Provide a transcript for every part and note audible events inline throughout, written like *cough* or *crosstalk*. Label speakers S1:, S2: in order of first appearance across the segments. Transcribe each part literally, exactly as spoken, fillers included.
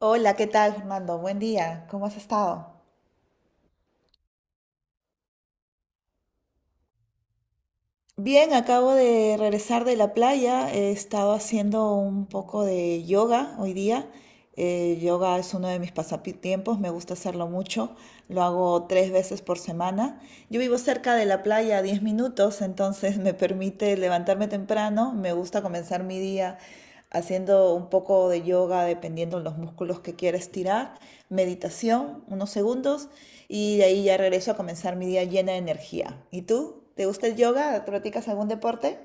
S1: Hola, ¿qué tal, Fernando? Buen día, ¿cómo has estado? Bien, acabo de regresar de la playa, he estado haciendo un poco de yoga hoy día. Eh, yoga es uno de mis pasatiempos, me gusta hacerlo mucho, lo hago tres veces por semana. Yo vivo cerca de la playa a diez minutos, entonces me permite levantarme temprano. Me gusta comenzar mi día haciendo un poco de yoga dependiendo de los músculos que quiera estirar, meditación, unos segundos, y de ahí ya regreso a comenzar mi día llena de energía. ¿Y tú? ¿Te gusta el yoga? ¿Practicas algún deporte?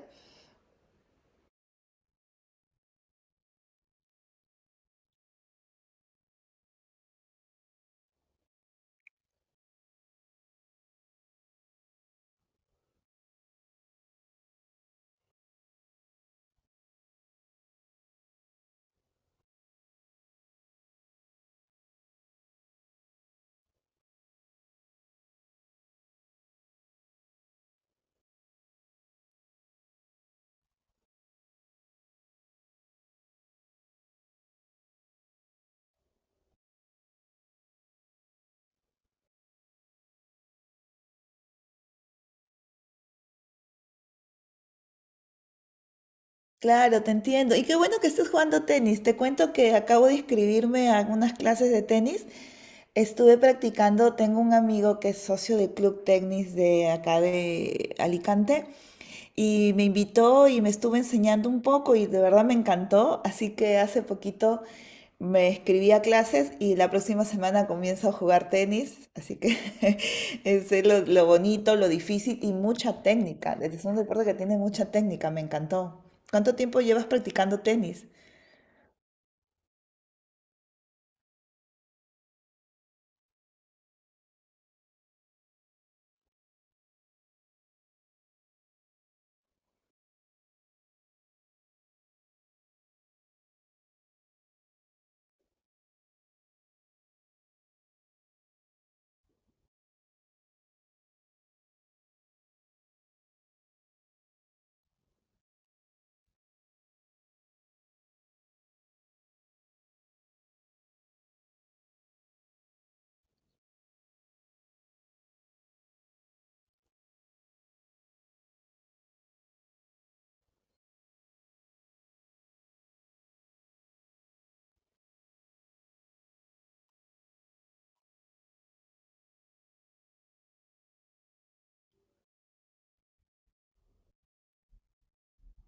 S1: Claro, te entiendo. Y qué bueno que estés jugando tenis. Te cuento que acabo de inscribirme a algunas clases de tenis. Estuve practicando, tengo un amigo que es socio del club tenis de acá de Alicante y me invitó y me estuvo enseñando un poco y de verdad me encantó. Así que hace poquito me inscribí a clases y la próxima semana comienzo a jugar tenis, así que *laughs* ese es lo, lo bonito, lo difícil y mucha técnica. Es un deporte que tiene mucha técnica, me encantó. ¿Cuánto tiempo llevas practicando tenis?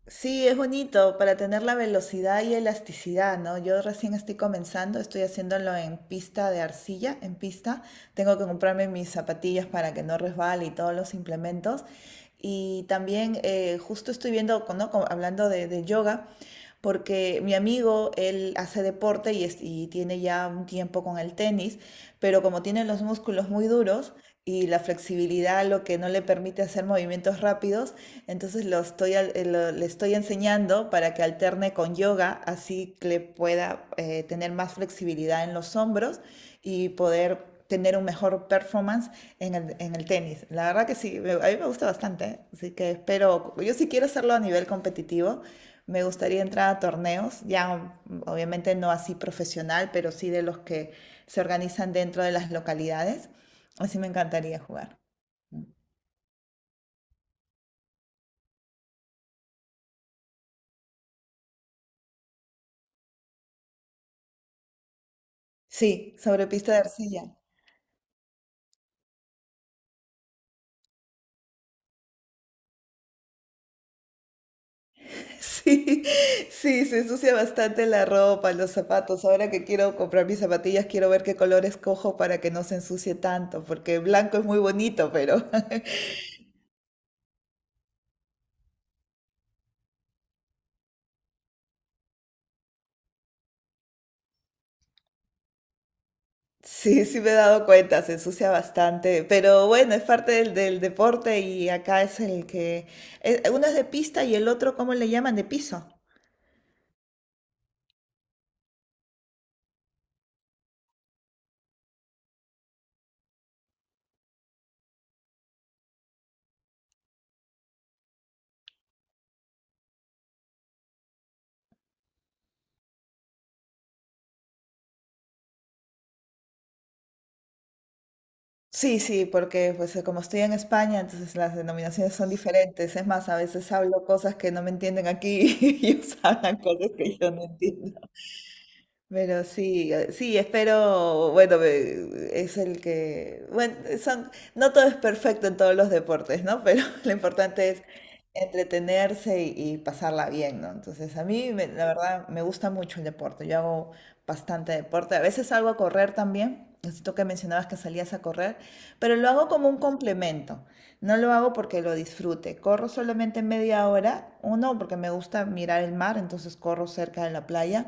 S1: Sí, es bonito para tener la velocidad y elasticidad, ¿no? Yo recién estoy comenzando, estoy haciéndolo en pista de arcilla, en pista. Tengo que comprarme mis zapatillas para que no resbale y todos los implementos. Y también eh, justo estoy viendo, ¿no? Como hablando de, de yoga, porque mi amigo, él hace deporte y, es- y tiene ya un tiempo con el tenis, pero como tiene los músculos muy duros y la flexibilidad lo que no le permite hacer movimientos rápidos, entonces lo estoy, al- eh, lo- le estoy enseñando para que alterne con yoga, así que le pueda eh, tener más flexibilidad en los hombros y poder tener un mejor performance en el, en el tenis. La verdad que sí, me- a mí me gusta bastante, ¿eh? Así que espero, yo sí quiero hacerlo a nivel competitivo, me gustaría entrar a torneos, ya mm, obviamente no así profesional, pero sí de los que se organizan dentro de las localidades, así me encantaría jugar. Sí, sobre pista de arcilla. *laughs* Sí, sí, se ensucia bastante la ropa, los zapatos. Ahora que quiero comprar mis zapatillas, quiero ver qué color escojo para que no se ensucie tanto, porque blanco es muy bonito, pero *laughs* sí, sí me he dado cuenta, se ensucia bastante. Pero bueno, es parte del, del deporte y acá es el que... eh, Uno es de pista y el otro, ¿cómo le llaman? De piso. Sí, sí, porque pues eh, como estoy en España, entonces las denominaciones son diferentes. Es más, a veces hablo cosas que no me entienden aquí *laughs* y ellos hablan cosas que yo no entiendo. Pero sí, eh, sí, espero, bueno, me- es el que, bueno, son, no todo es perfecto en todos los deportes, ¿no? Pero *laughs* lo importante es entretenerse y, y pasarla bien, ¿no? Entonces, a mí, me- la verdad, me gusta mucho el deporte, yo hago bastante deporte, a veces salgo a correr también, necesito que mencionabas que salías a correr, pero lo hago como un complemento, no lo hago porque lo disfrute, corro solamente media hora, uno, porque me gusta mirar el mar, entonces corro cerca de la playa.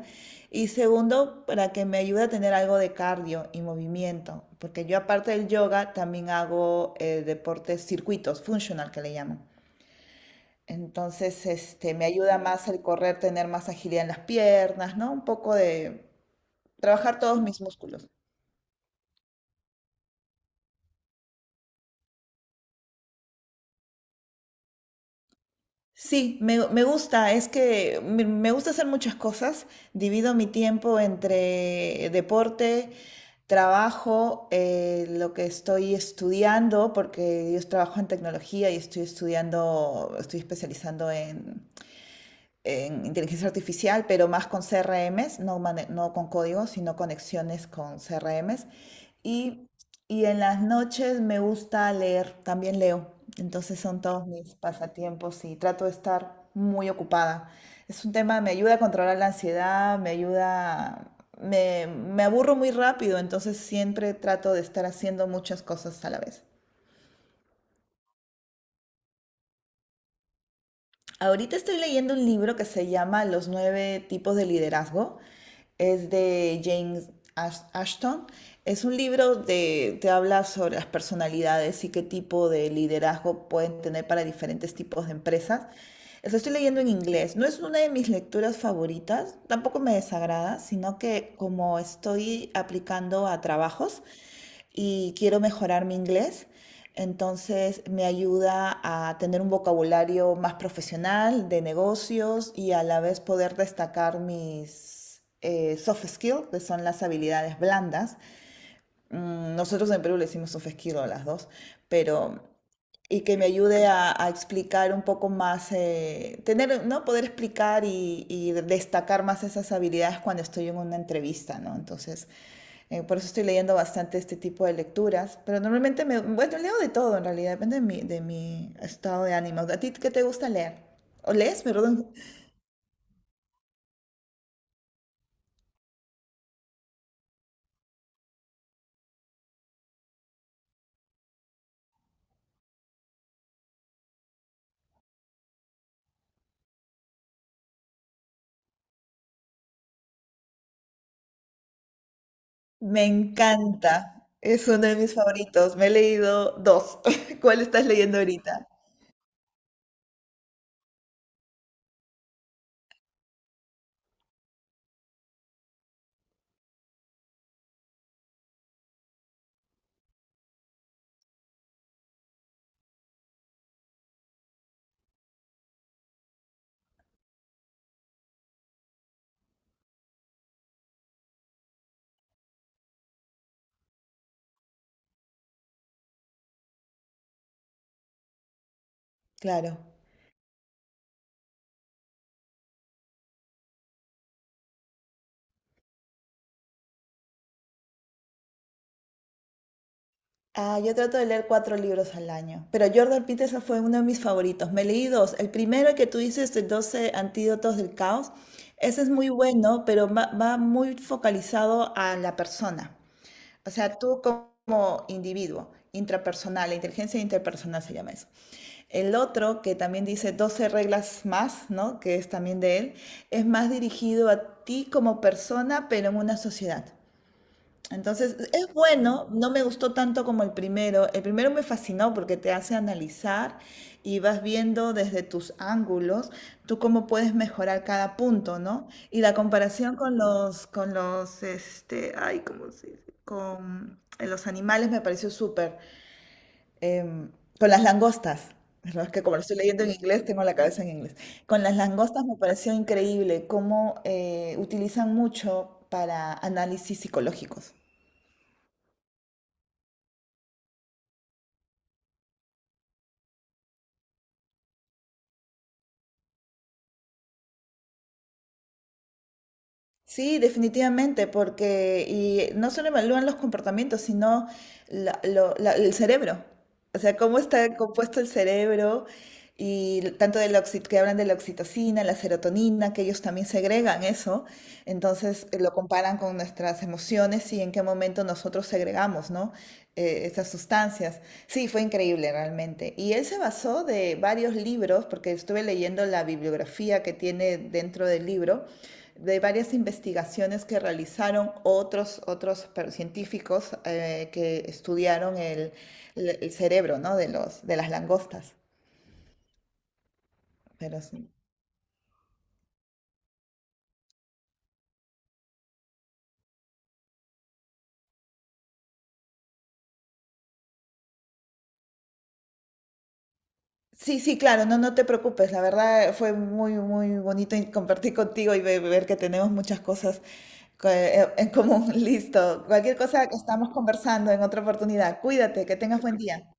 S1: Y segundo, para que me ayude a tener algo de cardio y movimiento, porque yo aparte del yoga también hago eh, deportes circuitos, functional que le llaman. Entonces, este, me ayuda más el correr, tener más agilidad en las piernas, ¿no? Un poco de trabajar todos mis músculos. Sí, me, me gusta, es que me, me gusta hacer muchas cosas. Divido mi tiempo entre deporte, trabajo, eh, lo que estoy estudiando, porque yo trabajo en tecnología y estoy estudiando, estoy especializando en inteligencia artificial, pero más con C R Ms, no, mane- no con código, sino conexiones con C R Ms. Y, y en las noches me gusta leer, también leo. Entonces son todos mis pasatiempos y trato de estar muy ocupada. Es un tema, me ayuda a controlar la ansiedad, me ayuda, me, me aburro muy rápido, entonces siempre trato de estar haciendo muchas cosas a la vez. Ahorita estoy leyendo un libro que se llama Los nueve tipos de liderazgo. Es de James Ash- Ashton. Es un libro de, te habla sobre las personalidades y qué tipo de liderazgo pueden tener para diferentes tipos de empresas. Lo estoy leyendo en inglés. No es una de mis lecturas favoritas, tampoco me desagrada, sino que como estoy aplicando a trabajos, y quiero mejorar mi inglés. Entonces me ayuda a tener un vocabulario más profesional de negocios y a la vez poder destacar mis eh, soft skills, que son las habilidades blandas. Mm, nosotros en Perú le decimos soft skills a las dos, pero y que me ayude a, a explicar un poco más, eh, tener, ¿no? Poder explicar y, y destacar más esas habilidades cuando estoy en una entrevista, ¿no? Entonces, eh, por eso estoy leyendo bastante este tipo de lecturas. Pero normalmente me, bueno, leo de todo en realidad, depende de mi, de mi estado de ánimo. ¿A ti qué te gusta leer? ¿O lees? Perdón. Me encanta. Es uno de mis favoritos. Me he leído dos. *laughs* ¿Cuál estás leyendo ahorita? Claro. Ah, yo trato de leer cuatro libros al año, pero Jordan Peterson fue uno de mis favoritos. Me leí dos. El primero que tú dices, de Doce antídotos del caos, ese es muy bueno, pero va, va muy focalizado a la persona. O sea, tú como individuo, intrapersonal, la inteligencia interpersonal se llama eso. El otro, que también dice doce reglas más, ¿no? Que es también de él, es más dirigido a ti como persona, pero en una sociedad. Entonces, es bueno, no me gustó tanto como el primero. El primero me fascinó porque te hace analizar y vas viendo desde tus ángulos tú cómo puedes mejorar cada punto, ¿no? Y la comparación con los, con los, este, ay, ¿cómo se dice? Con eh, los animales me pareció súper. Em, con las langostas. ¿No? Es que como lo estoy leyendo en inglés, tengo la cabeza en inglés. Con las langostas me pareció increíble cómo eh, utilizan mucho para análisis psicológicos. Sí, definitivamente, porque y no solo evalúan los comportamientos, sino la- lo- la- el cerebro. O sea, cómo está compuesto el cerebro y l- tanto de la oxi- que hablan de la oxitocina, la serotonina, que ellos también segregan eso. Entonces eh, lo comparan con nuestras emociones y en qué momento nosotros segregamos, ¿no? Eh, esas sustancias. Sí, fue increíble realmente. Y él se basó de varios libros, porque estuve leyendo la bibliografía que tiene dentro del libro de varias investigaciones que realizaron otros, otros científicos eh, que estudiaron el, el cerebro, ¿no? De los, de las langostas. Pero sí. Sí, sí, claro, no, no te preocupes. La verdad fue muy, muy bonito y compartir contigo y ve- ver que tenemos muchas cosas co- eh, en común. *laughs* Listo. Cualquier cosa que estamos conversando en otra oportunidad. Cuídate, que tengas buen día.